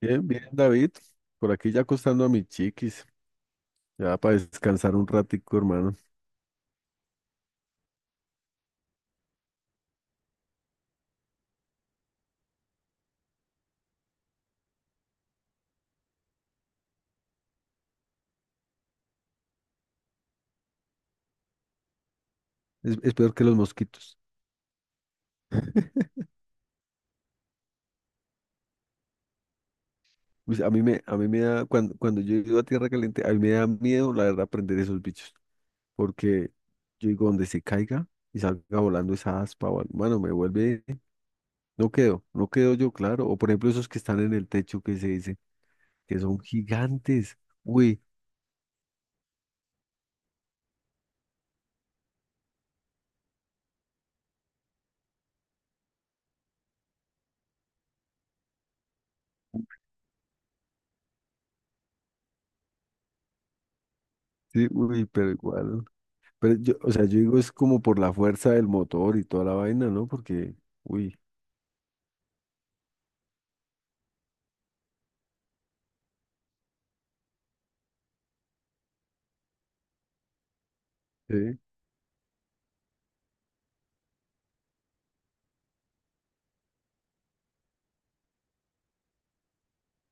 Bien, bien, David. Por aquí ya acostando a mis chiquis. Ya para descansar un ratico, hermano. Es peor que los mosquitos. Pues a mí me da, cuando yo he ido a tierra caliente, a mí me da miedo, la verdad, prender esos bichos. Porque yo digo, donde se caiga y salga volando esa aspa, o algo, mano, me vuelve, no quedo yo, claro. O por ejemplo, esos que están en el techo que se dice, que son gigantes. Uy, sí, uy, pero igual. Pero yo, o sea, yo digo es como por la fuerza del motor y toda la vaina, ¿no? Porque, uy, sí,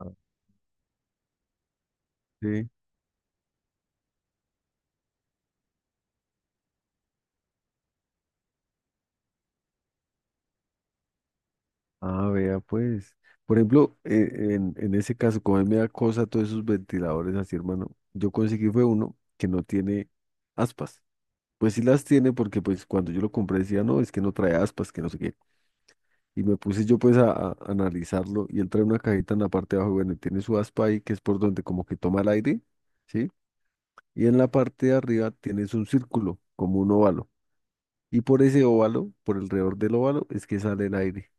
ah, sí. Ah, vea, pues. Por ejemplo, en ese caso, como a mí me da cosa todos esos ventiladores así, hermano, yo conseguí fue uno que no tiene aspas. Pues sí las tiene porque pues cuando yo lo compré decía, no, es que no trae aspas, que no sé qué. Y me puse yo pues a analizarlo y él trae una cajita en la parte de abajo, bueno, y tiene su aspa ahí que es por donde como que toma el aire, ¿sí? Y en la parte de arriba tienes un círculo, como un óvalo. Y por ese óvalo, por alrededor del óvalo, es que sale el aire.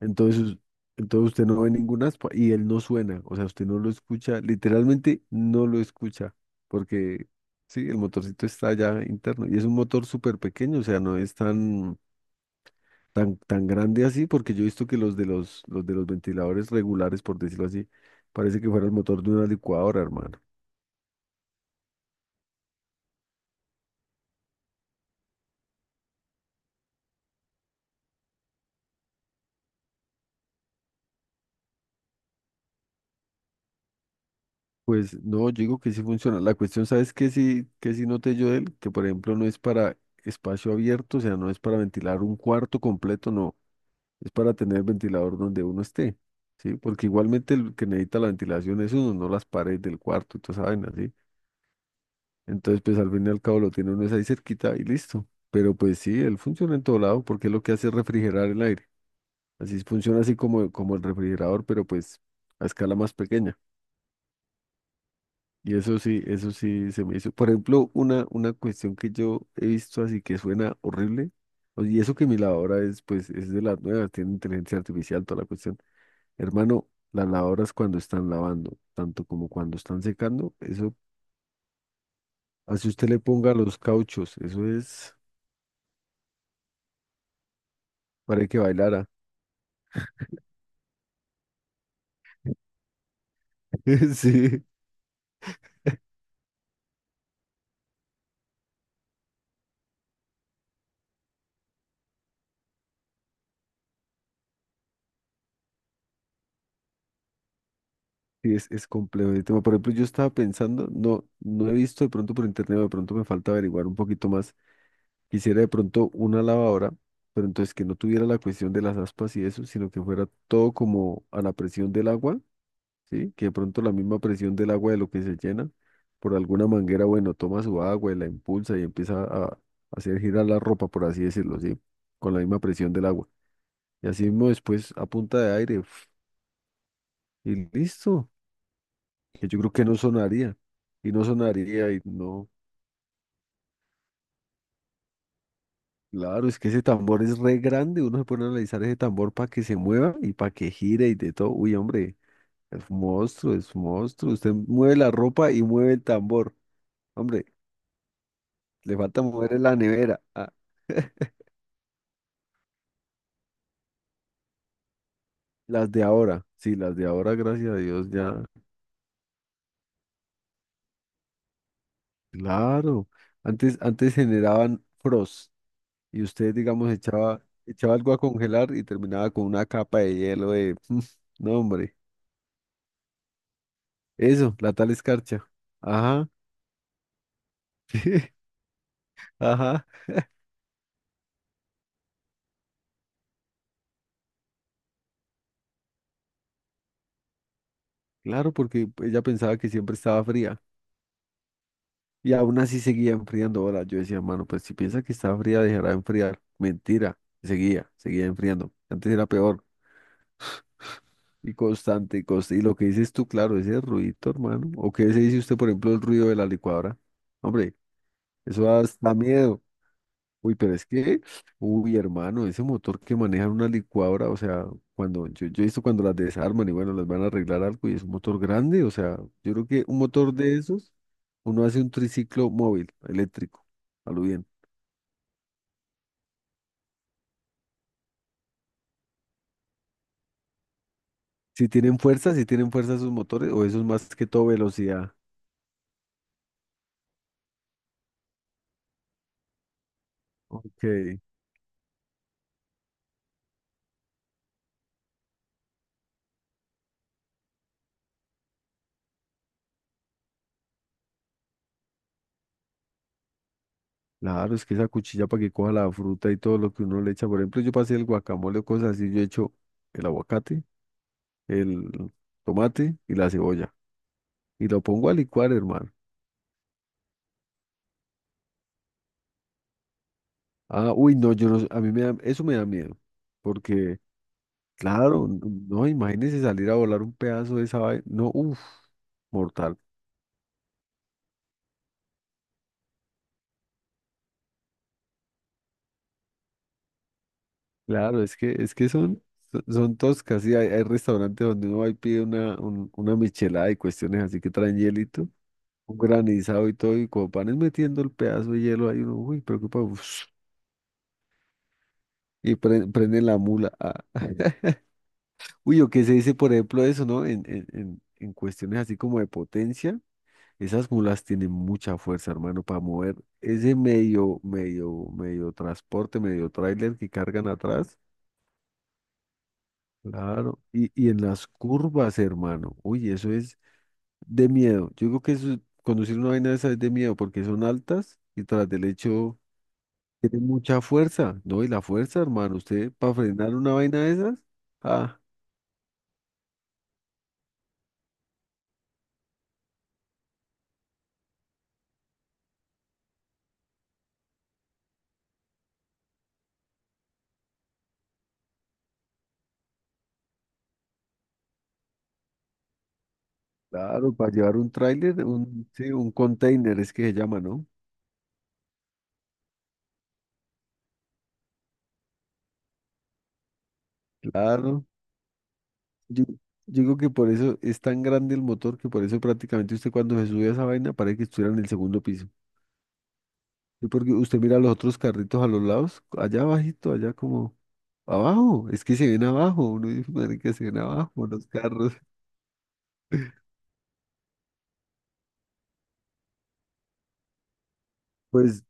Entonces, entonces usted no ve ningún aspa y él no suena, o sea, usted no lo escucha, literalmente no lo escucha, porque sí, el motorcito está allá interno y es un motor súper pequeño, o sea, no es tan, tan grande así, porque yo he visto que los de los ventiladores regulares, por decirlo así, parece que fuera el motor de una licuadora, hermano. Pues no, yo digo que sí funciona. La cuestión, ¿sabes qué sí noté yo de él? Que por ejemplo no es para espacio abierto, o sea, no es para ventilar un cuarto completo, no. Es para tener ventilador donde uno esté, ¿sí? Porque igualmente el que necesita la ventilación es uno, no las paredes del cuarto y toda esa vaina, ¿sí? Entonces, pues al fin y al cabo lo tiene uno es ahí cerquita y listo. Pero pues sí, él funciona en todo lado porque lo que hace es refrigerar el aire. Así funciona así como, como el refrigerador, pero pues a escala más pequeña. Y eso sí se me hizo. Por ejemplo, una cuestión que yo he visto así que suena horrible, y eso que mi lavadora es, pues, es de las nuevas, tiene inteligencia artificial, toda la cuestión. Hermano, las lavadoras cuando están lavando, tanto como cuando están secando, eso, así usted le ponga los cauchos, eso es para que bailara. Sí, sí, es complejo el tema. Por ejemplo, yo estaba pensando, no he visto de pronto por internet, o de pronto me falta averiguar un poquito más. Quisiera de pronto una lavadora, pero entonces que no tuviera la cuestión de las aspas y eso, sino que fuera todo como a la presión del agua, ¿sí? Que de pronto la misma presión del agua de lo que se llena por alguna manguera, bueno, toma su agua y la impulsa y empieza a hacer girar la ropa, por así decirlo, ¿sí? Con la misma presión del agua. Y así mismo después a punta de aire, ¡fuf! Y listo, que yo creo que no sonaría, y no sonaría y no. Claro, es que ese tambor es re grande, uno se pone a analizar ese tambor para que se mueva y para que gire y de todo. Uy, hombre, es un monstruo, es un monstruo. Usted mueve la ropa y mueve el tambor. Hombre, le falta mover la nevera. Ah, las de ahora, sí, las de ahora, gracias a Dios, ya. Claro, antes, antes generaban frost y usted, digamos, echaba, echaba algo a congelar y terminaba con una capa de hielo de No, hombre, eso, la tal escarcha. Ajá, ajá. Claro, porque ella pensaba que siempre estaba fría y aún así seguía enfriando. Ahora yo decía, mano, pues si piensa que estaba fría, dejará de enfriar. Mentira, seguía enfriando. Antes era peor y constante y constante. Y lo que dices tú, claro, ese ruidito, hermano. ¿O qué se dice usted, por ejemplo, el ruido de la licuadora? Hombre, eso da, da miedo. Uy, pero es que, uy, hermano, ese motor que manejan una licuadora, o sea, cuando yo he visto cuando las desarman y bueno, les van a arreglar algo y es un motor grande, o sea, yo creo que un motor de esos. Uno hace un triciclo móvil, eléctrico, a lo bien. Si tienen fuerza, si tienen fuerza sus motores, o eso es más que todo velocidad. Ok. Claro, es que esa cuchilla para que coja la fruta y todo lo que uno le echa. Por ejemplo, yo pasé el guacamole o cosas así, yo echo el aguacate, el tomate y la cebolla. Y lo pongo a licuar, hermano. Ah, uy, no, yo no, sé, a mí me da, eso me da miedo. Porque, claro, no, imagínese salir a volar un pedazo de esa vaina. No, uff, mortal. Claro, es que son, son son toscas, sí, hay restaurantes donde uno va y pide una, una michelada y cuestiones así que traen hielito, un granizado y todo, y como van es metiendo el pedazo de hielo ahí, uno, uy, preocupa, y prenden la mula. Ah. Uy, o qué se dice, por ejemplo, eso, ¿no? En cuestiones así como de potencia, esas mulas tienen mucha fuerza, hermano, para mover ese medio, medio, medio transporte, medio tráiler que cargan atrás. Claro, y en las curvas, hermano. Uy, eso es de miedo. Yo creo que eso, conducir una vaina de esa es de miedo porque son altas y tras del hecho tiene mucha fuerza. No, y la fuerza, hermano, usted para frenar una vaina de esas, ah, claro, para llevar un tráiler, un, sí, un container es que se llama, ¿no? Claro. Yo, yo creo que por eso es tan grande el motor que por eso prácticamente usted cuando se sube a esa vaina parece que estuviera en el segundo piso. Sí, porque usted mira los otros carritos a los lados, allá abajito, allá como abajo, es que se ven abajo, uno dice, marica, se ven abajo los carros. Pues,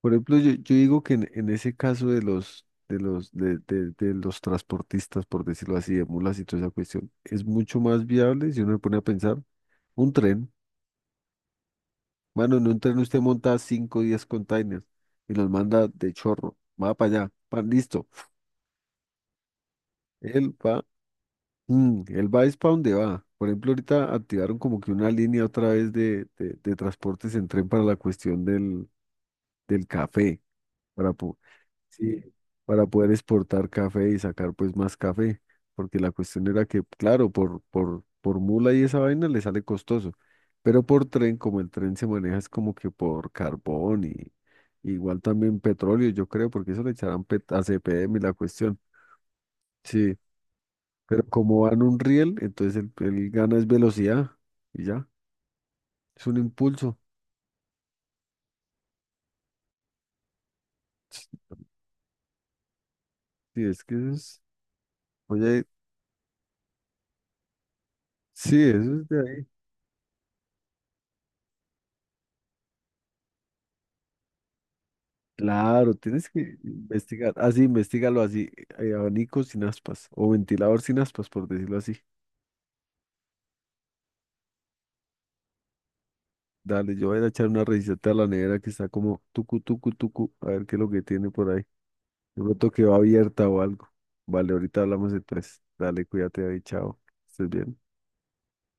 por ejemplo, yo digo que en ese caso de los, de los, de, de los transportistas, por decirlo así, de mulas y toda esa cuestión, es mucho más viable, si uno se pone a pensar, un tren. Mano, en un tren usted monta 5 o 10 containers y los manda de chorro, va para allá, pa, listo. Él va, mm, él va es para donde va. Por ejemplo, ahorita activaron como que una línea otra vez de, de transportes en tren para la cuestión del del café para, sí, para poder exportar café y sacar pues más café, porque la cuestión era que, claro, por mula y esa vaina le sale costoso, pero por tren, como el tren se maneja es como que por carbón y igual también petróleo, yo creo, porque eso le echarán a CPM y la cuestión, sí, pero como van un riel, entonces el gana es velocidad y ya, es un impulso. Sí, es que eso es, oye, sí, eso es de ahí. Claro, tienes que investigar. Así, investigalo así. Eh, abanico sin aspas o ventilador sin aspas, por decirlo así. Dale, yo voy a ir a echar una revisada a la nevera que está como tucu, tucu, tucu. A ver qué es lo que tiene por ahí. De pronto quedó abierta o algo. Vale, ahorita hablamos entonces. Dale, cuídate ahí, chao. Estés bien.